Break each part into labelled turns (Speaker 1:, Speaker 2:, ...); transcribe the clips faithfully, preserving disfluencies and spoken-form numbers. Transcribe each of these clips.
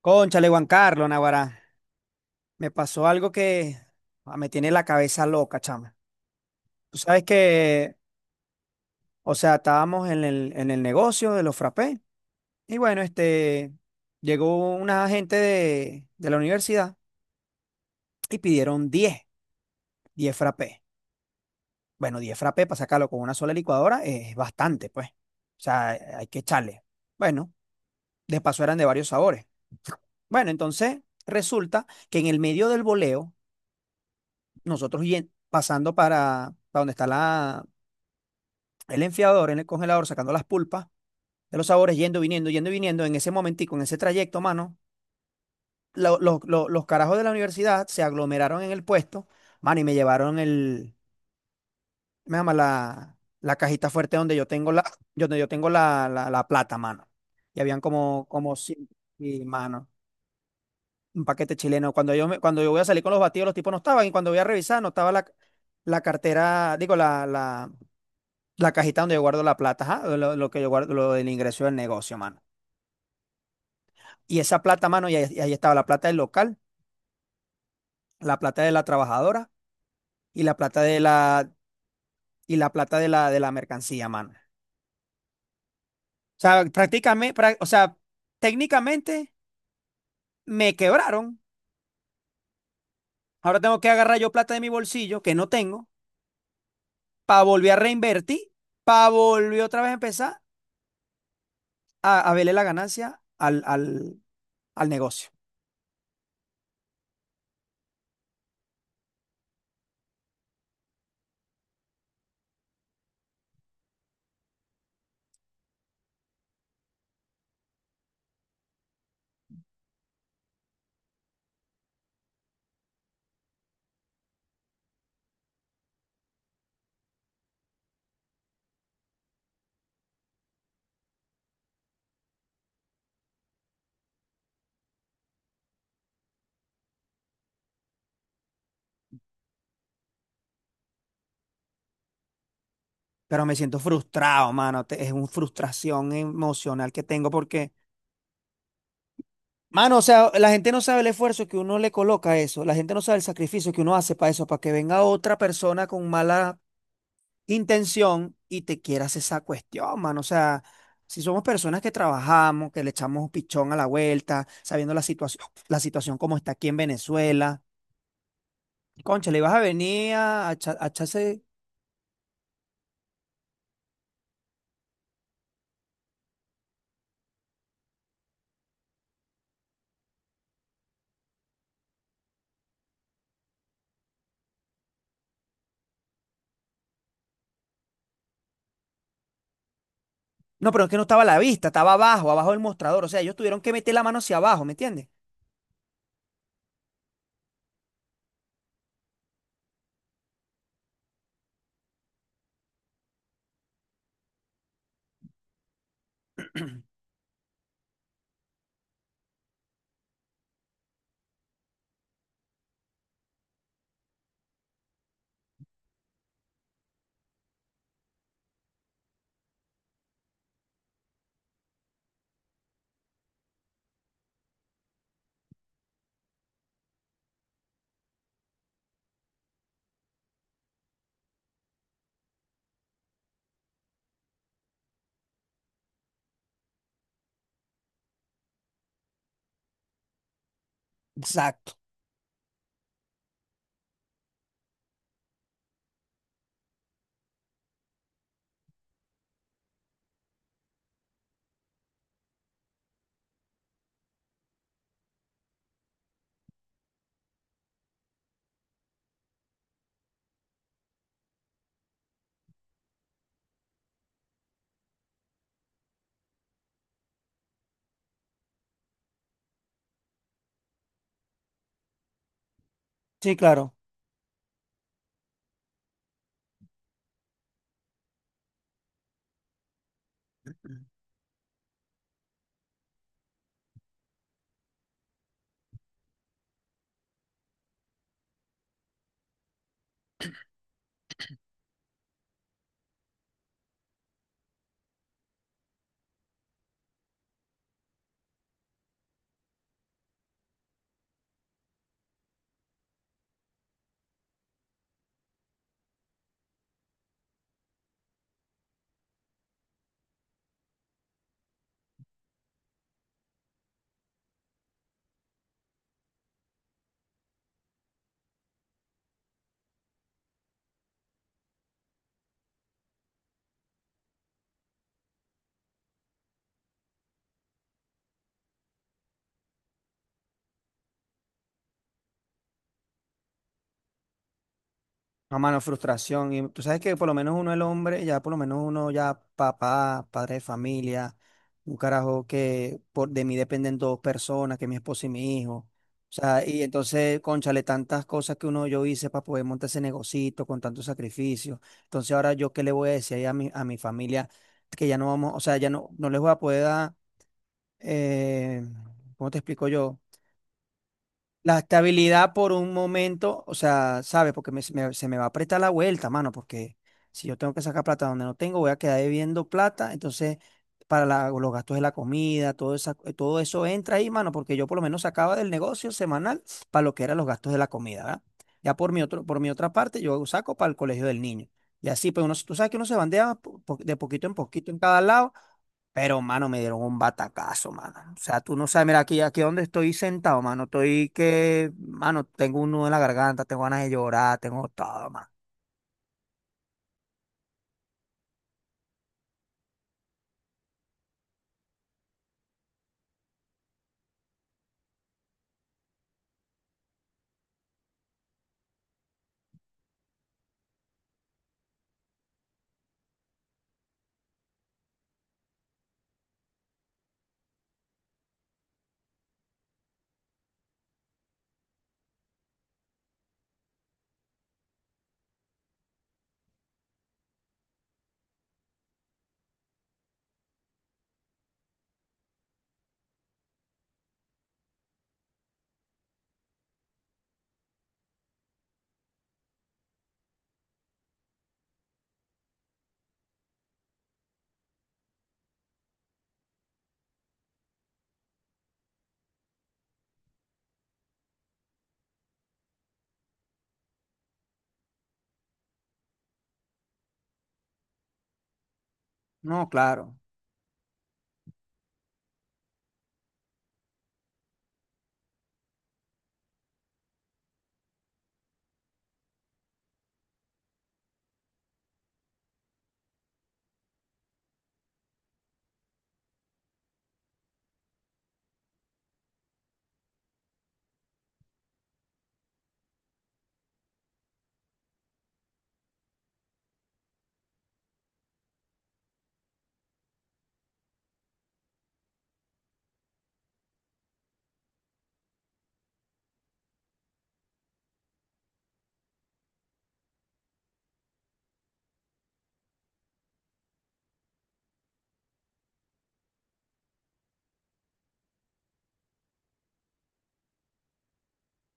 Speaker 1: Cónchale, Juan Carlos, Naguará. Me pasó algo que ah, me tiene la cabeza loca, chama. Tú sabes que, o sea, estábamos en el, en el negocio de los frappés. Y bueno, este, llegó una gente de, de la universidad y pidieron diez diez frappés. Bueno, diez frappés para sacarlo con una sola licuadora es bastante, pues. O sea, hay que echarle. Bueno, de paso eran de varios sabores. Bueno, entonces resulta que en el medio del boleo nosotros yen- pasando para, para donde está la, el enfriador en el congelador, sacando las pulpas de los sabores, yendo, viniendo, yendo, viniendo, en ese momentico, en ese trayecto, mano, lo- lo- lo- los carajos de la universidad se aglomeraron en el puesto, mano, y me llevaron el, me llama la, la cajita fuerte donde yo tengo la, donde yo tengo la, la, la plata, mano. Y habían como, como, cien- y, mano, un paquete chileno. Cuando yo, me- cuando yo voy a salir con los batidos, los tipos no estaban, y cuando voy a revisar, no estaba la, la cartera, digo, la, la, la cajita donde yo guardo la plata, ajá, lo, lo que yo guardo, lo del ingreso del negocio, mano. Y esa plata, mano, y ahí, y ahí estaba la plata del local, la plata de la trabajadora y la plata de la, y la plata de la, de la mercancía, mano. O sea, prácticamente, prac- o sea, técnicamente me quebraron. Ahora tengo que agarrar yo plata de mi bolsillo, que no tengo, para volver a reinvertir, para volver otra vez a empezar a, a verle la ganancia al, al, al negocio. Pero me siento frustrado, mano. te- Es una frustración emocional que tengo porque mano, o sea, la gente no sabe el esfuerzo que uno le coloca a eso, la gente no sabe el sacrificio que uno hace para eso, para que venga otra persona con mala intención y te quieras esa cuestión, mano. O sea, si somos personas que trabajamos, que le echamos pichón a la vuelta, sabiendo la situación, la situación como está aquí en Venezuela, concha, le ibas a venir a, a echa- a echarse. No, pero es que no estaba a la vista, estaba abajo, abajo del mostrador. O sea, ellos tuvieron que meter la mano hacia abajo, ¿me entiendes? Exacto. Sí, claro. No, mano, frustración. Y tú sabes que por lo menos uno el hombre, ya por lo menos uno ya papá, padre de familia, un carajo que por, de mí dependen dos personas, que mi esposo y mi hijo. O sea, y entonces, cónchale, tantas cosas que uno yo hice para poder montar ese negocito con tanto sacrificio. Entonces ahora yo qué le voy a decir ahí a mi, a mi familia que ya no vamos, o sea, ya no, no les voy a poder dar, eh, ¿cómo te explico yo? La estabilidad por un momento, o sea, ¿sabes? Porque me- se me se me va a apretar la vuelta, mano, porque si yo tengo que sacar plata donde no tengo, voy a quedar debiendo plata, entonces para la- los gastos de la comida, todo, esa- eh, todo eso entra ahí, mano, porque yo por lo menos sacaba del negocio semanal para lo que eran los gastos de la comida, ¿verdad? Ya por mi otro, por mi otra parte, yo saco para el colegio del niño. Y así, pues uno, tú sabes que uno se bandea po- po- de poquito en poquito en cada lado, pero, mano, me dieron un batacazo, mano. O sea, tú no sabes, mira, aquí, aquí donde estoy sentado, mano, estoy que, mano, tengo un nudo en la garganta, tengo ganas de llorar, tengo todo, mano. No, claro.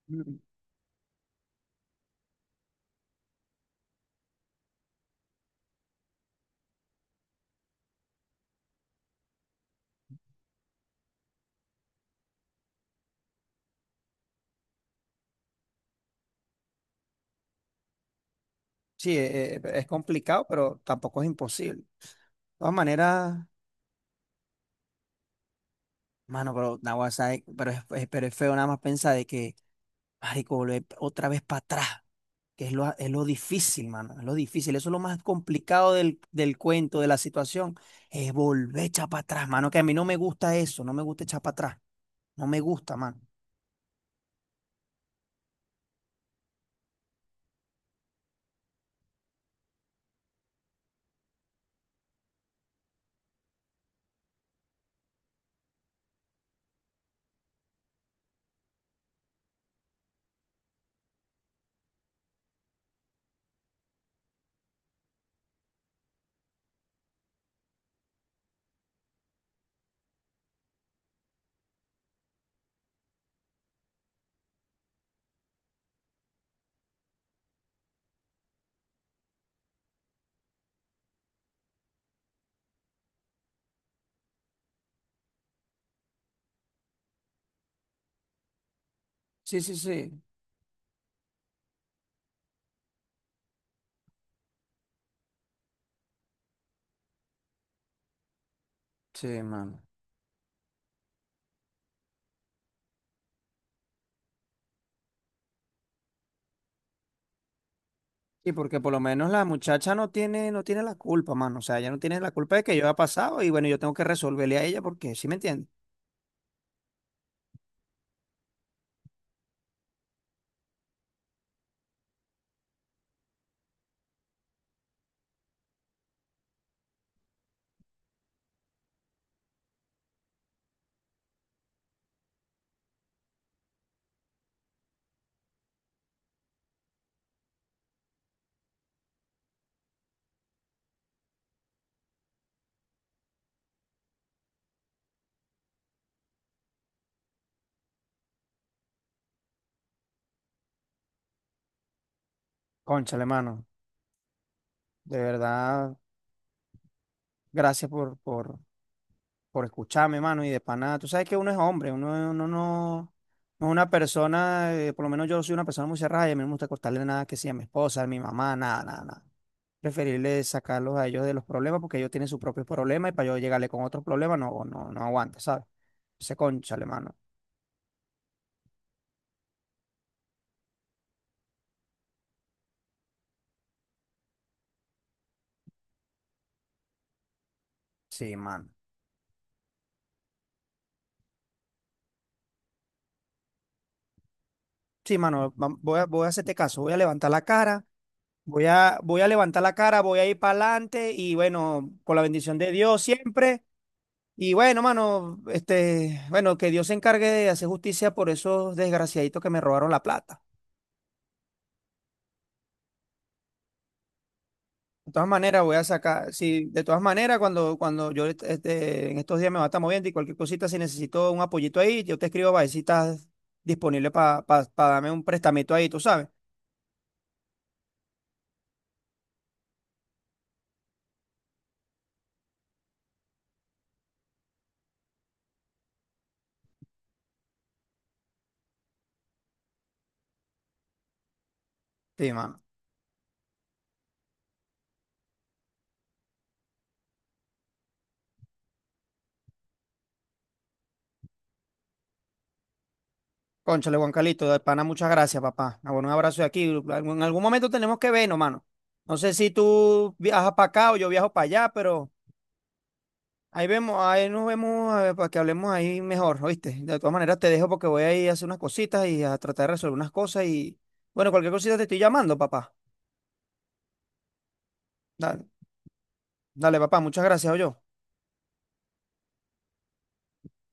Speaker 1: Mm, sí, eh, eh, es complicado, pero tampoco es imposible. De todas maneras, mano, pero, naguará, ¿sabe? Pero, es, es- pero es feo nada más pensar de que, marico, volver otra vez para atrás. Que es lo, es lo difícil, mano, es lo difícil. Eso es lo más complicado del, del cuento, de la situación, es volver a echar para atrás, mano, que a mí no me gusta eso, no me gusta echar para atrás, no me gusta, mano. Sí, sí, sí, sí, mano. Sí, porque por lo menos la muchacha no tiene, no tiene la culpa, mano. O sea, ella no tiene la culpa de que yo haya pasado y bueno, yo tengo que resolverle a ella porque, ¿sí me entiendes? Cónchale, mano, de verdad, gracias por, por, por escucharme, mano, y de pana. Tú sabes que uno es hombre, uno, uno no, no es una persona, eh, por lo menos yo soy una persona muy cerrada y a mí no me gusta cortarle nada que sea a mi esposa, a mi mamá, nada, nada, nada. Preferirle sacarlos a ellos de los problemas porque ellos tienen sus propios problemas y para yo llegarle con otros problemas no, no, no aguanta, ¿sabes? Se conchale, mano. Sí, mano. Sí, mano, va- voy a, voy a hacerte caso, voy a levantar la cara. Voy a, voy a levantar la cara, voy a ir para adelante y bueno, con la bendición de Dios siempre. Y bueno, mano, este, bueno, que Dios se encargue de hacer justicia por esos desgraciaditos que me robaron la plata. De todas maneras, voy a sacar, sí, de todas maneras, cuando, cuando yo este, en estos días me va a estar moviendo y cualquier cosita, si necesito un apoyito ahí, yo te escribo para ver si estás disponible para darme un prestamito ahí, tú sabes. Sí, mano. Cónchale, Juan Calito, de pana, muchas gracias, papá. Ah, bueno, un abrazo de aquí. En algún momento tenemos que vernos, mano. No sé si tú viajas para acá o yo viajo para allá, pero. Ahí vemos, ahí nos vemos, eh, para que hablemos ahí mejor, ¿oíste? De todas maneras te dejo porque voy a ir a hacer unas cositas y a tratar de resolver unas cosas y bueno, cualquier cosita te estoy llamando, papá. Dale, dale, papá, muchas gracias, yo.